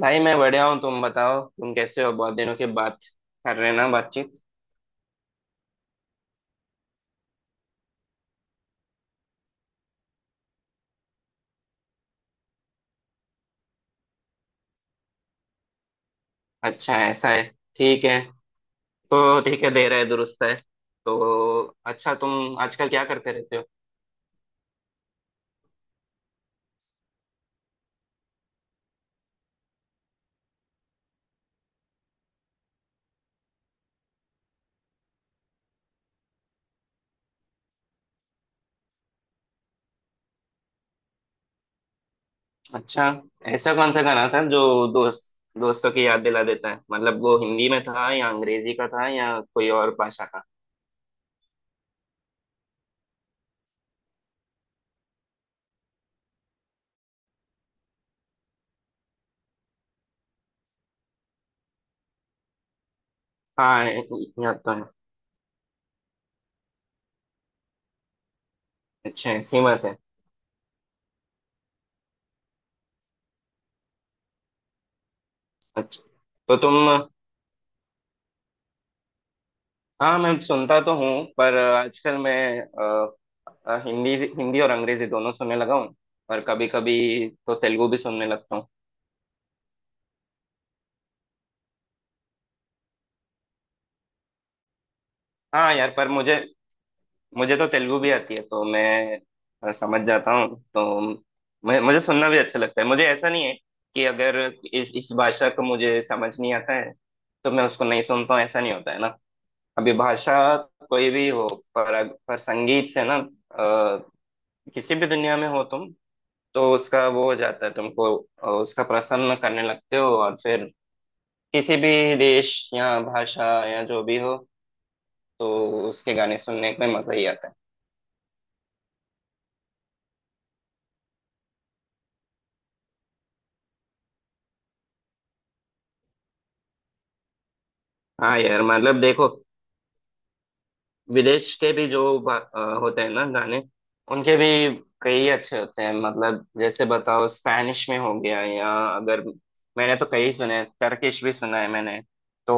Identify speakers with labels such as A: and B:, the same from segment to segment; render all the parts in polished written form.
A: भाई मैं बढ़िया हूँ। तुम बताओ तुम कैसे हो। बहुत दिनों के बाद कर रहे हैं ना बातचीत। अच्छा ऐसा है। ठीक है। तो ठीक है, दे रहा है, दुरुस्त है। तो अच्छा, तुम आजकल क्या करते रहते हो। अच्छा, ऐसा कौन सा गाना था जो दोस्त दोस्तों की याद दिला देता है। मतलब वो हिंदी में था या अंग्रेजी का था या कोई और भाषा का। हाँ, याद तो है। अच्छा, ऐसी बात है। अच्छा, तो तुम, हाँ मैं सुनता तो हूँ। पर आजकल मैं हिंदी हिंदी और अंग्रेजी दोनों सुनने लगा हूँ। और कभी कभी तो तेलुगु भी सुनने लगता हूँ। हाँ यार, पर मुझे मुझे तो तेलुगु भी आती है तो मैं समझ जाता हूँ। तो मैं मुझे सुनना भी अच्छा लगता है। मुझे ऐसा नहीं है कि अगर इस भाषा को मुझे समझ नहीं आता है तो मैं उसको नहीं सुनता हूँ। ऐसा नहीं होता है ना। अभी भाषा कोई भी हो, पर संगीत से ना, अ, किसी भी दुनिया में हो तुम, तो उसका वो हो जाता है तुमको। उसका प्रसन्न करने लगते हो। और फिर किसी भी देश या भाषा या जो भी हो, तो उसके गाने सुनने में मजा ही आता है। हाँ यार, मतलब देखो, विदेश के भी जो होते हैं ना गाने, उनके भी कई अच्छे होते हैं। मतलब जैसे बताओ, स्पैनिश में हो गया या अगर, मैंने तो कई सुने। टर्किश भी सुना है मैंने। तो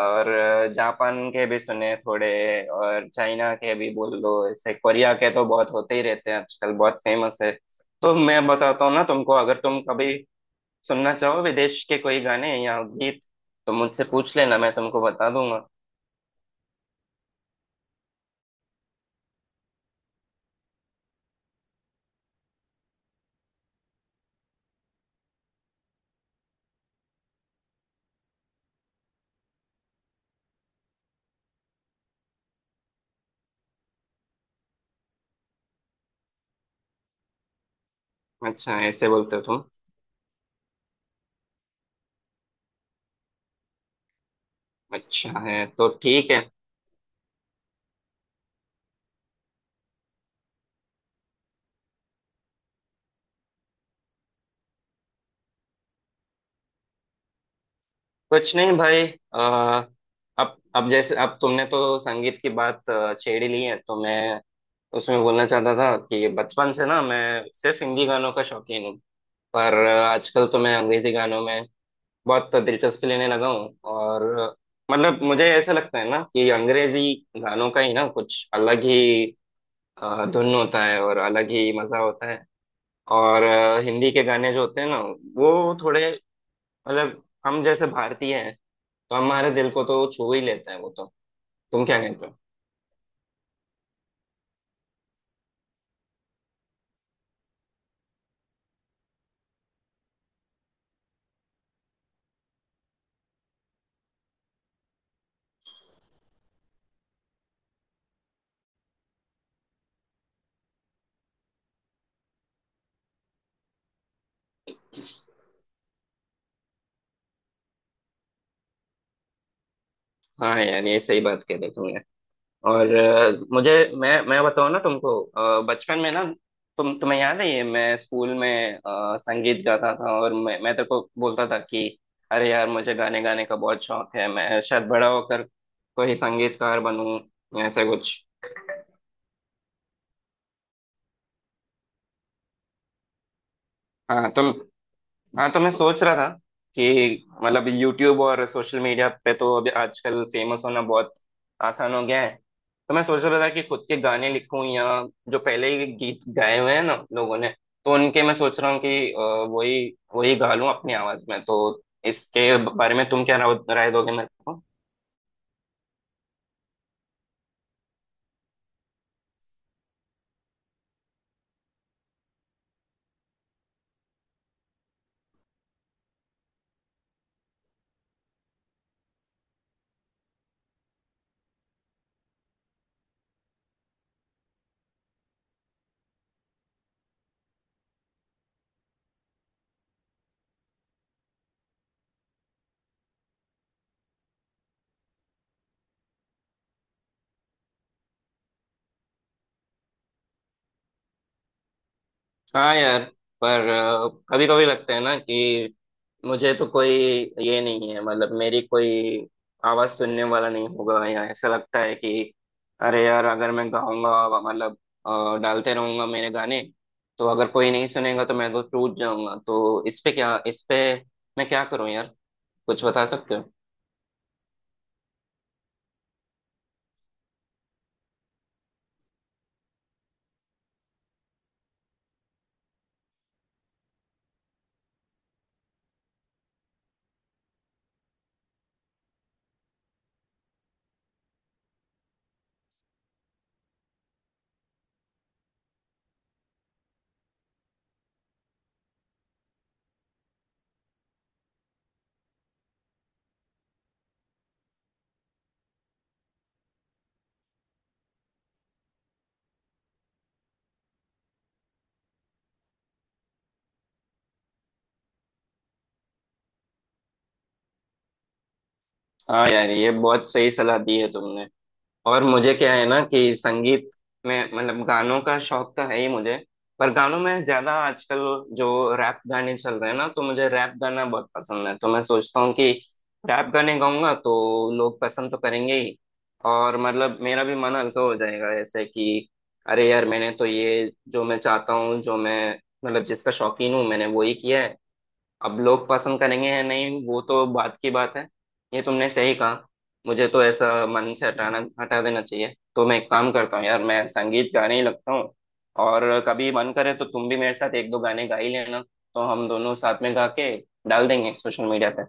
A: और जापान के भी सुने थोड़े, और चाइना के भी बोल लो ऐसे। कोरिया के तो बहुत होते ही रहते हैं आजकल, बहुत फेमस है। तो मैं बताता हूँ ना तुमको, अगर तुम कभी सुनना चाहो विदेश के कोई गाने या गीत, तो मुझसे पूछ लेना, मैं तुमको बता दूंगा। अच्छा, ऐसे बोलते हो तुम। अच्छा है तो ठीक है। कुछ नहीं भाई, अ, अब जैसे, अब तुमने तो संगीत की बात छेड़ ही ली है, तो मैं उसमें बोलना चाहता था कि बचपन से ना मैं सिर्फ हिंदी गानों का शौकीन हूँ। पर आजकल तो मैं अंग्रेजी गानों में बहुत दिलचस्पी लेने लगा हूँ। और मतलब मुझे ऐसा लगता है ना कि अंग्रेजी गानों का ही ना कुछ अलग ही धुन होता है और अलग ही मजा होता है। और हिंदी के गाने जो होते हैं ना, वो थोड़े, मतलब हम जैसे भारतीय हैं, तो हमारे दिल को तो छू ही लेता है वो तो। तुम क्या कहते हो। हाँ यार, ये सही बात कह रहे हो तुमने। और मुझे, मैं बताऊँ ना तुमको, बचपन में ना, तुम्हें याद है ये, मैं स्कूल में संगीत गाता था, और मैं तेरे को बोलता था कि अरे यार, मुझे गाने गाने का बहुत शौक है, मैं शायद बड़ा होकर कोई संगीतकार बनूं, ऐसा कुछ। हाँ तुम, हाँ तो मैं सोच रहा था कि मतलब यूट्यूब और सोशल मीडिया पे तो अभी आजकल फेमस होना बहुत आसान हो गया है। तो मैं सोच रहा था कि खुद के गाने लिखूं या जो पहले ही गीत गाए हुए हैं ना लोगों ने, तो उनके मैं सोच रहा हूँ कि वही वही गा लूं अपनी आवाज में। तो इसके बारे में तुम क्या राय दोगे मेरे को। हाँ यार, पर कभी कभी लगता है ना कि मुझे तो कोई ये नहीं है, मतलब मेरी कोई आवाज सुनने वाला नहीं होगा। या ऐसा लगता है कि अरे यार, अगर मैं गाऊंगा, मतलब डालते रहूंगा मेरे गाने, तो अगर कोई नहीं सुनेगा तो मैं तो टूट जाऊंगा। तो इस पे क्या, इस पे मैं क्या करूं यार, कुछ बता सकते हो। हाँ यार, ये बहुत सही सलाह दी है तुमने। और मुझे क्या है ना कि संगीत में, मतलब गानों का शौक तो है ही मुझे। पर गानों में ज्यादा आजकल जो रैप गाने चल रहे हैं ना, तो मुझे रैप गाना बहुत पसंद है। तो मैं सोचता हूँ कि रैप गाने गाऊंगा तो लोग पसंद तो करेंगे ही, और मतलब मेरा भी मन हल्का हो जाएगा ऐसे कि अरे यार, मैंने तो ये जो मैं चाहता हूँ, जो मैं मतलब जिसका शौकीन हूँ, मैंने वो ही किया है। अब लोग पसंद करेंगे या नहीं वो तो बात की बात है। ये तुमने सही कहा, मुझे तो ऐसा मन से हटा देना चाहिए। तो मैं एक काम करता हूँ यार, मैं संगीत गाने ही लगता हूँ। और कभी मन करे तो तुम भी मेरे साथ एक दो गाने गा ही लेना। तो हम दोनों साथ में गा के डाल देंगे सोशल मीडिया पे।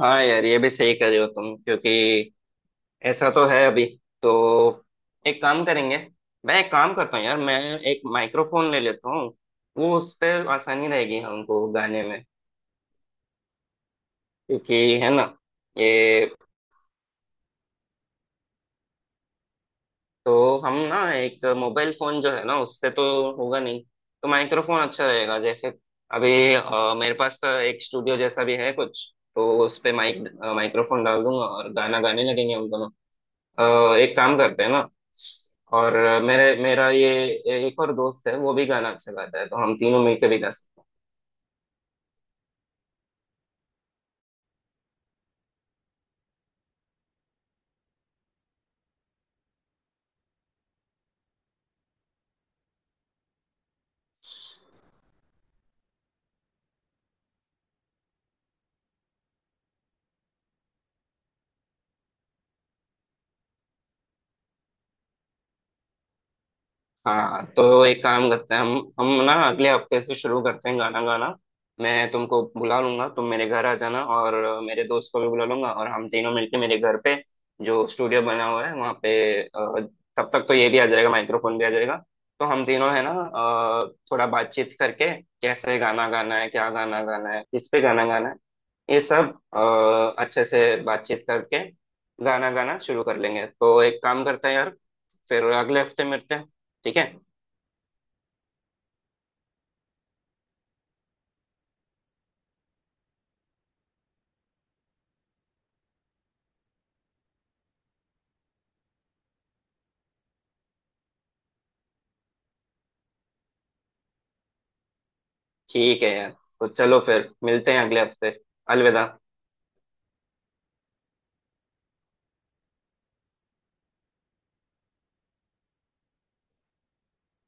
A: हाँ यार, ये भी सही कर रहे हो तुम। क्योंकि ऐसा तो है अभी। तो एक काम करेंगे, मैं एक काम करता हूँ यार, मैं एक माइक्रोफोन ले लेता हूँ। वो उस पर आसानी रहेगी हमको गाने में। क्योंकि है ना ये, तो हम ना एक मोबाइल फोन जो है ना, उससे तो होगा नहीं। तो माइक्रोफोन अच्छा रहेगा। जैसे अभी मेरे पास तो एक स्टूडियो जैसा भी है कुछ, तो उस पे माइक्रोफोन डाल दूंगा और गाना गाने लगेंगे हम दोनों। एक काम करते हैं ना, और मेरे मेरा ये एक और दोस्त है, वो भी गाना अच्छा गाता है, तो हम तीनों मिलकर भी गा सकते हैं। हाँ तो एक काम करते हैं, हम ना अगले हफ्ते से शुरू करते हैं गाना गाना। मैं तुमको बुला लूंगा, तुम मेरे घर आ जाना, और मेरे दोस्त को भी बुला लूंगा, और हम तीनों मिलके मेरे घर पे जो स्टूडियो बना हुआ है वहाँ पे, तब तक तो ये भी आ जाएगा, माइक्रोफोन भी आ जाएगा। तो हम तीनों है ना, अ, थोड़ा बातचीत करके कैसे गाना गाना है, क्या गाना गाना है, किस पे गाना गाना है, ये सब अच्छे से बातचीत करके गाना गाना शुरू कर लेंगे। तो एक काम करते हैं यार, फिर अगले हफ्ते मिलते हैं। ठीक है। ठीक है यार, तो चलो फिर मिलते हैं अगले हफ्ते। अलविदा।